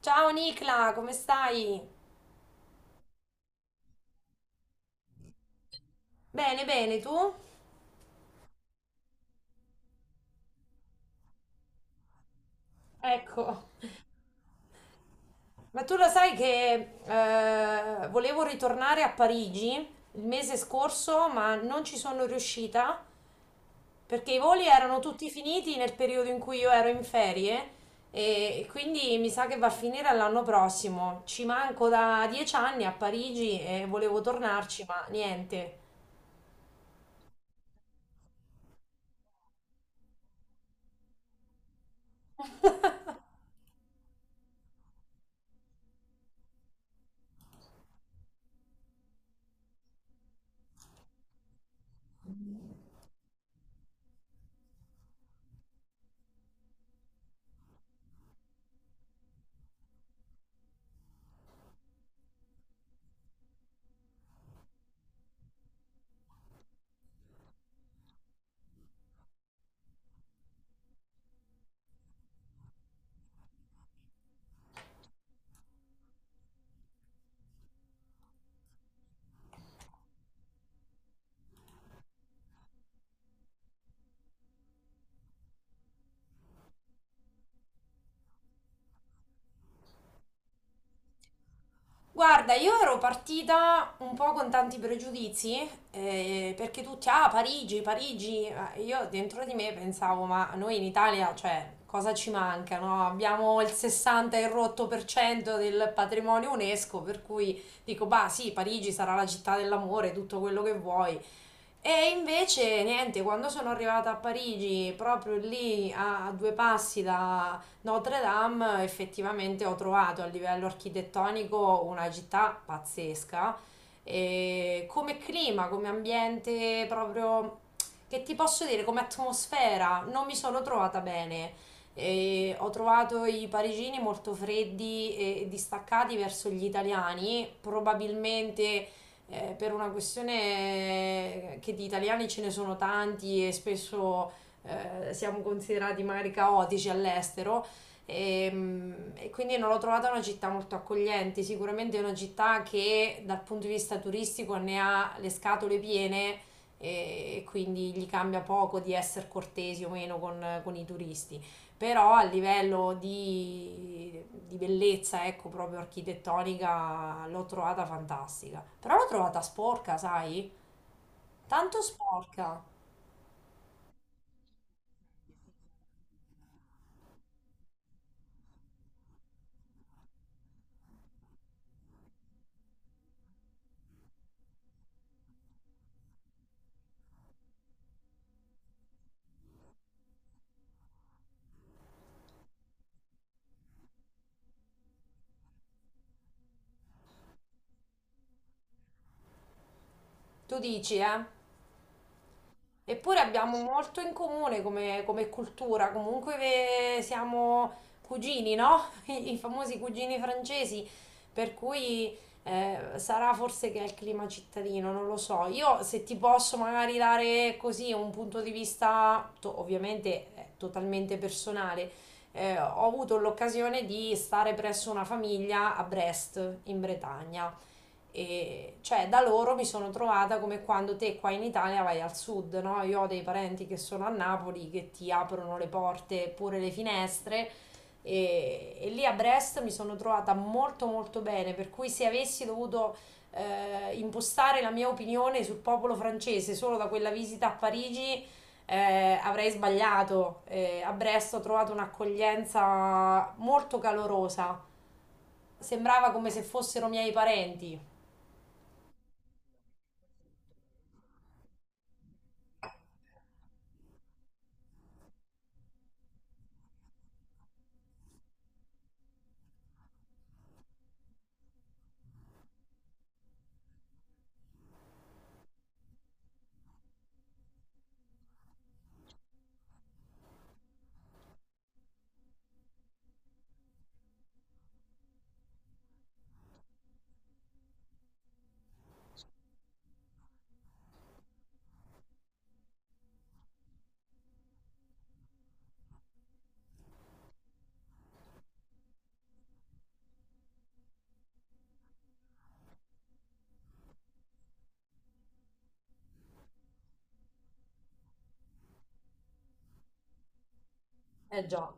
Ciao Nicla, come stai? Bene, bene, tu? Ecco, ma tu lo sai che volevo ritornare a Parigi il mese scorso, ma non ci sono riuscita perché i voli erano tutti finiti nel periodo in cui io ero in ferie e quindi mi sa che va a finire all'anno prossimo. Ci manco da 10 anni a Parigi e volevo tornarci, ma niente. Guarda, io ero partita un po' con tanti pregiudizi, perché tutti, ah, Parigi, Parigi, eh, io dentro di me pensavo, ma noi in Italia, cioè, cosa ci manca, no? Abbiamo il 60 e rotto per cento del patrimonio UNESCO, per cui dico, bah, sì, Parigi sarà la città dell'amore, tutto quello che vuoi, e invece niente, quando sono arrivata a Parigi, proprio lì a due passi da Notre Dame, effettivamente ho trovato a livello architettonico una città pazzesca. E come clima, come ambiente, proprio che ti posso dire, come atmosfera, non mi sono trovata bene. E ho trovato i parigini molto freddi e distaccati verso gli italiani, probabilmente per una questione che di italiani ce ne sono tanti e spesso siamo considerati magari caotici all'estero. E, e quindi non l'ho trovata una città molto accogliente, sicuramente è una città che dal punto di vista turistico ne ha le scatole piene e quindi gli cambia poco di essere cortesi o meno con i turisti, però a livello di bellezza, ecco, proprio architettonica, l'ho trovata fantastica. Però l'ho trovata sporca, sai? Tanto sporca. Tu dici, eh? Eppure abbiamo molto in comune come, come cultura, comunque siamo cugini, no? I, i famosi cugini francesi, per cui sarà forse che è il clima cittadino, non lo so. Io se ti posso magari dare così un punto di vista, ovviamente totalmente personale, ho avuto l'occasione di stare presso una famiglia a Brest, in Bretagna. E cioè da loro mi sono trovata come quando te qua in Italia vai al sud, no? Io ho dei parenti che sono a Napoli che ti aprono le porte pure le finestre e lì a Brest mi sono trovata molto molto bene, per cui se avessi dovuto impostare la mia opinione sul popolo francese solo da quella visita a Parigi avrei sbagliato. A Brest ho trovato un'accoglienza molto calorosa, sembrava come se fossero miei parenti. Eh già.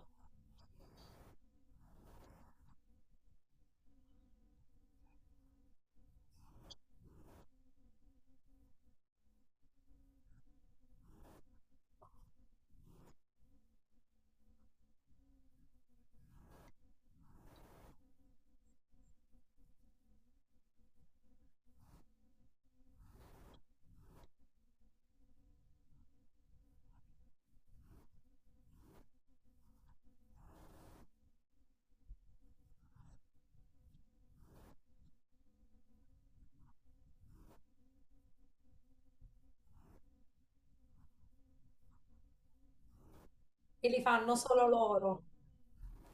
E li fanno solo loro.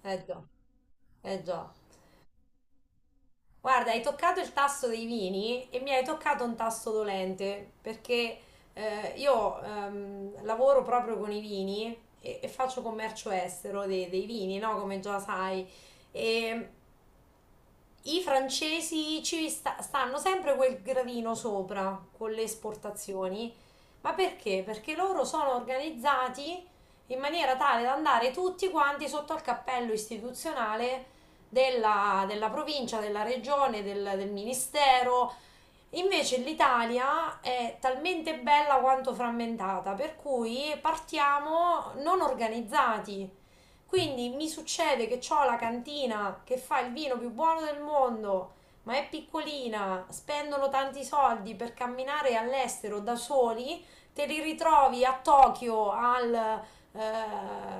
Eh già, eh già. Guarda, hai toccato il tasto dei vini e mi hai toccato un tasto dolente, perché io lavoro proprio con i vini e faccio commercio estero dei, dei vini, no? Come già sai. E i francesi stanno sempre quel gradino sopra con le esportazioni, ma perché? Perché loro sono organizzati in maniera tale da andare tutti quanti sotto al cappello istituzionale della, della provincia, della regione, del, del ministero. Invece l'Italia è talmente bella quanto frammentata, per cui partiamo non organizzati. Quindi mi succede che ho la cantina che fa il vino più buono del mondo, ma è piccolina, spendono tanti soldi per camminare all'estero da soli, te li ritrovi a Tokyo al,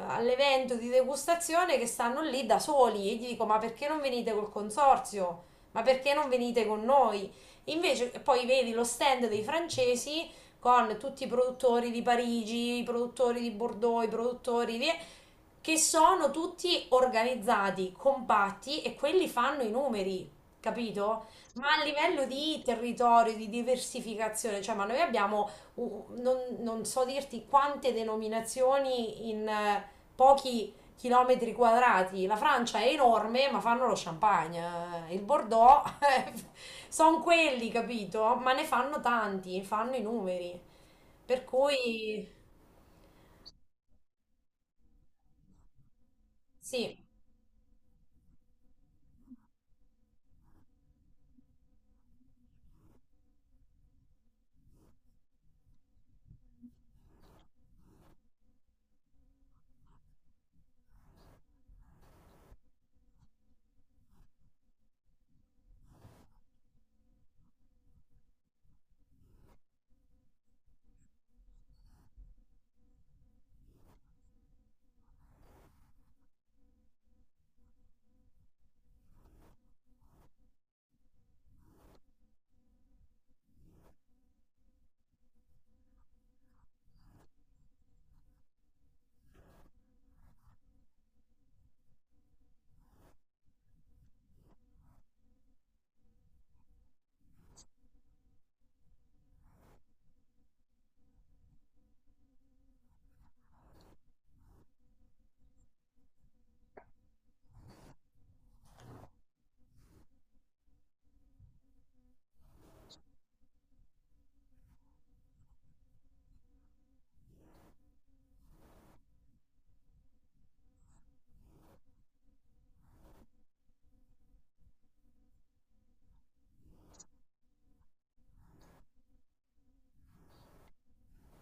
all'evento di degustazione che stanno lì da soli e gli dico ma perché non venite col consorzio? Ma perché non venite con noi? Invece poi vedi lo stand dei francesi con tutti i produttori di Parigi, i produttori di Bordeaux, i produttori di che sono tutti organizzati, compatti e quelli fanno i numeri, capito? Ma a livello di territorio, di diversificazione, cioè, ma noi abbiamo, non, non so dirti quante denominazioni in pochi chilometri quadrati. La Francia è enorme, ma fanno lo champagne. Il Bordeaux, sono quelli, capito? Ma ne fanno tanti, fanno i numeri. Per cui, sì.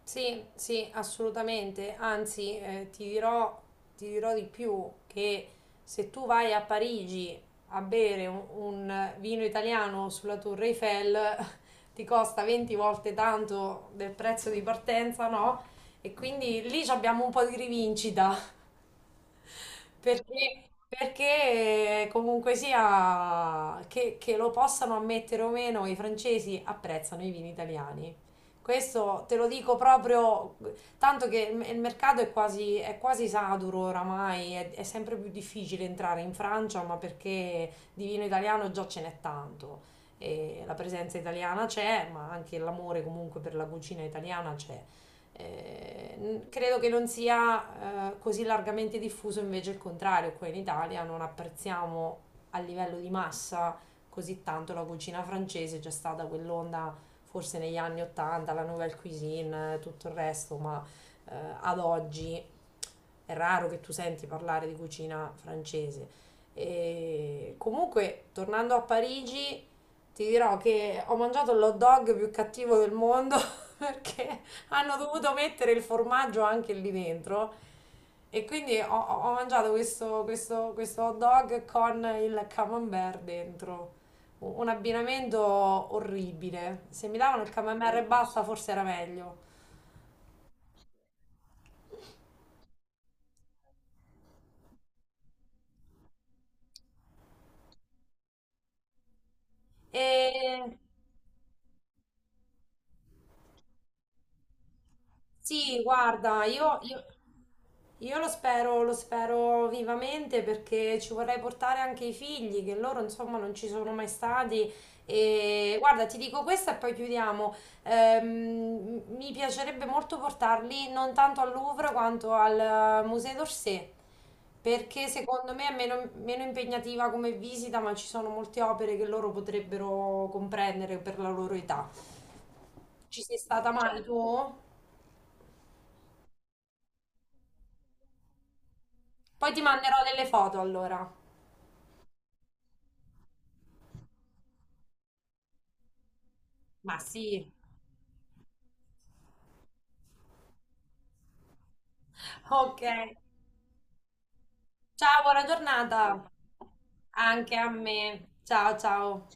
Sì, sì, assolutamente. Anzi, ti dirò di più che se tu vai a Parigi a bere un vino italiano sulla Tour Eiffel, ti costa 20 volte tanto del prezzo di partenza, no? E quindi lì ci abbiamo un po' di rivincita. Perché, perché comunque sia che lo possano ammettere o meno, i francesi apprezzano i vini italiani. Questo te lo dico proprio, tanto che il mercato è quasi saturo oramai, è sempre più difficile entrare in Francia, ma perché di vino italiano già ce n'è tanto. E la presenza italiana c'è, ma anche l'amore comunque per la cucina italiana c'è. Credo che non sia così largamente diffuso invece il contrario, qua in Italia non apprezziamo a livello di massa così tanto la cucina francese, c'è stata quell'onda forse negli anni 80, la nouvelle cuisine, tutto il resto, ma eh, ad oggi è raro che tu senti parlare di cucina francese. E comunque, tornando a Parigi, ti dirò che ho mangiato l'hot dog più cattivo del mondo. Perché hanno dovuto mettere il formaggio anche lì dentro. E quindi ho, ho mangiato questo, questo, questo hot dog con il camembert dentro. Un abbinamento orribile. Se mi davano il camembert e basta, forse era meglio. E sì, guarda, io lo spero vivamente perché ci vorrei portare anche i figli, che loro insomma non ci sono mai stati. E guarda, ti dico questo e poi chiudiamo. Mi piacerebbe molto portarli non tanto al Louvre quanto al Musée d'Orsay, perché secondo me è meno, meno impegnativa come visita, ma ci sono molte opere che loro potrebbero comprendere per la loro età. Ci sei stata mai tu? Poi ti manderò delle foto allora. Ma sì. Ok. Ciao, buona giornata. Anche a me. Ciao, ciao.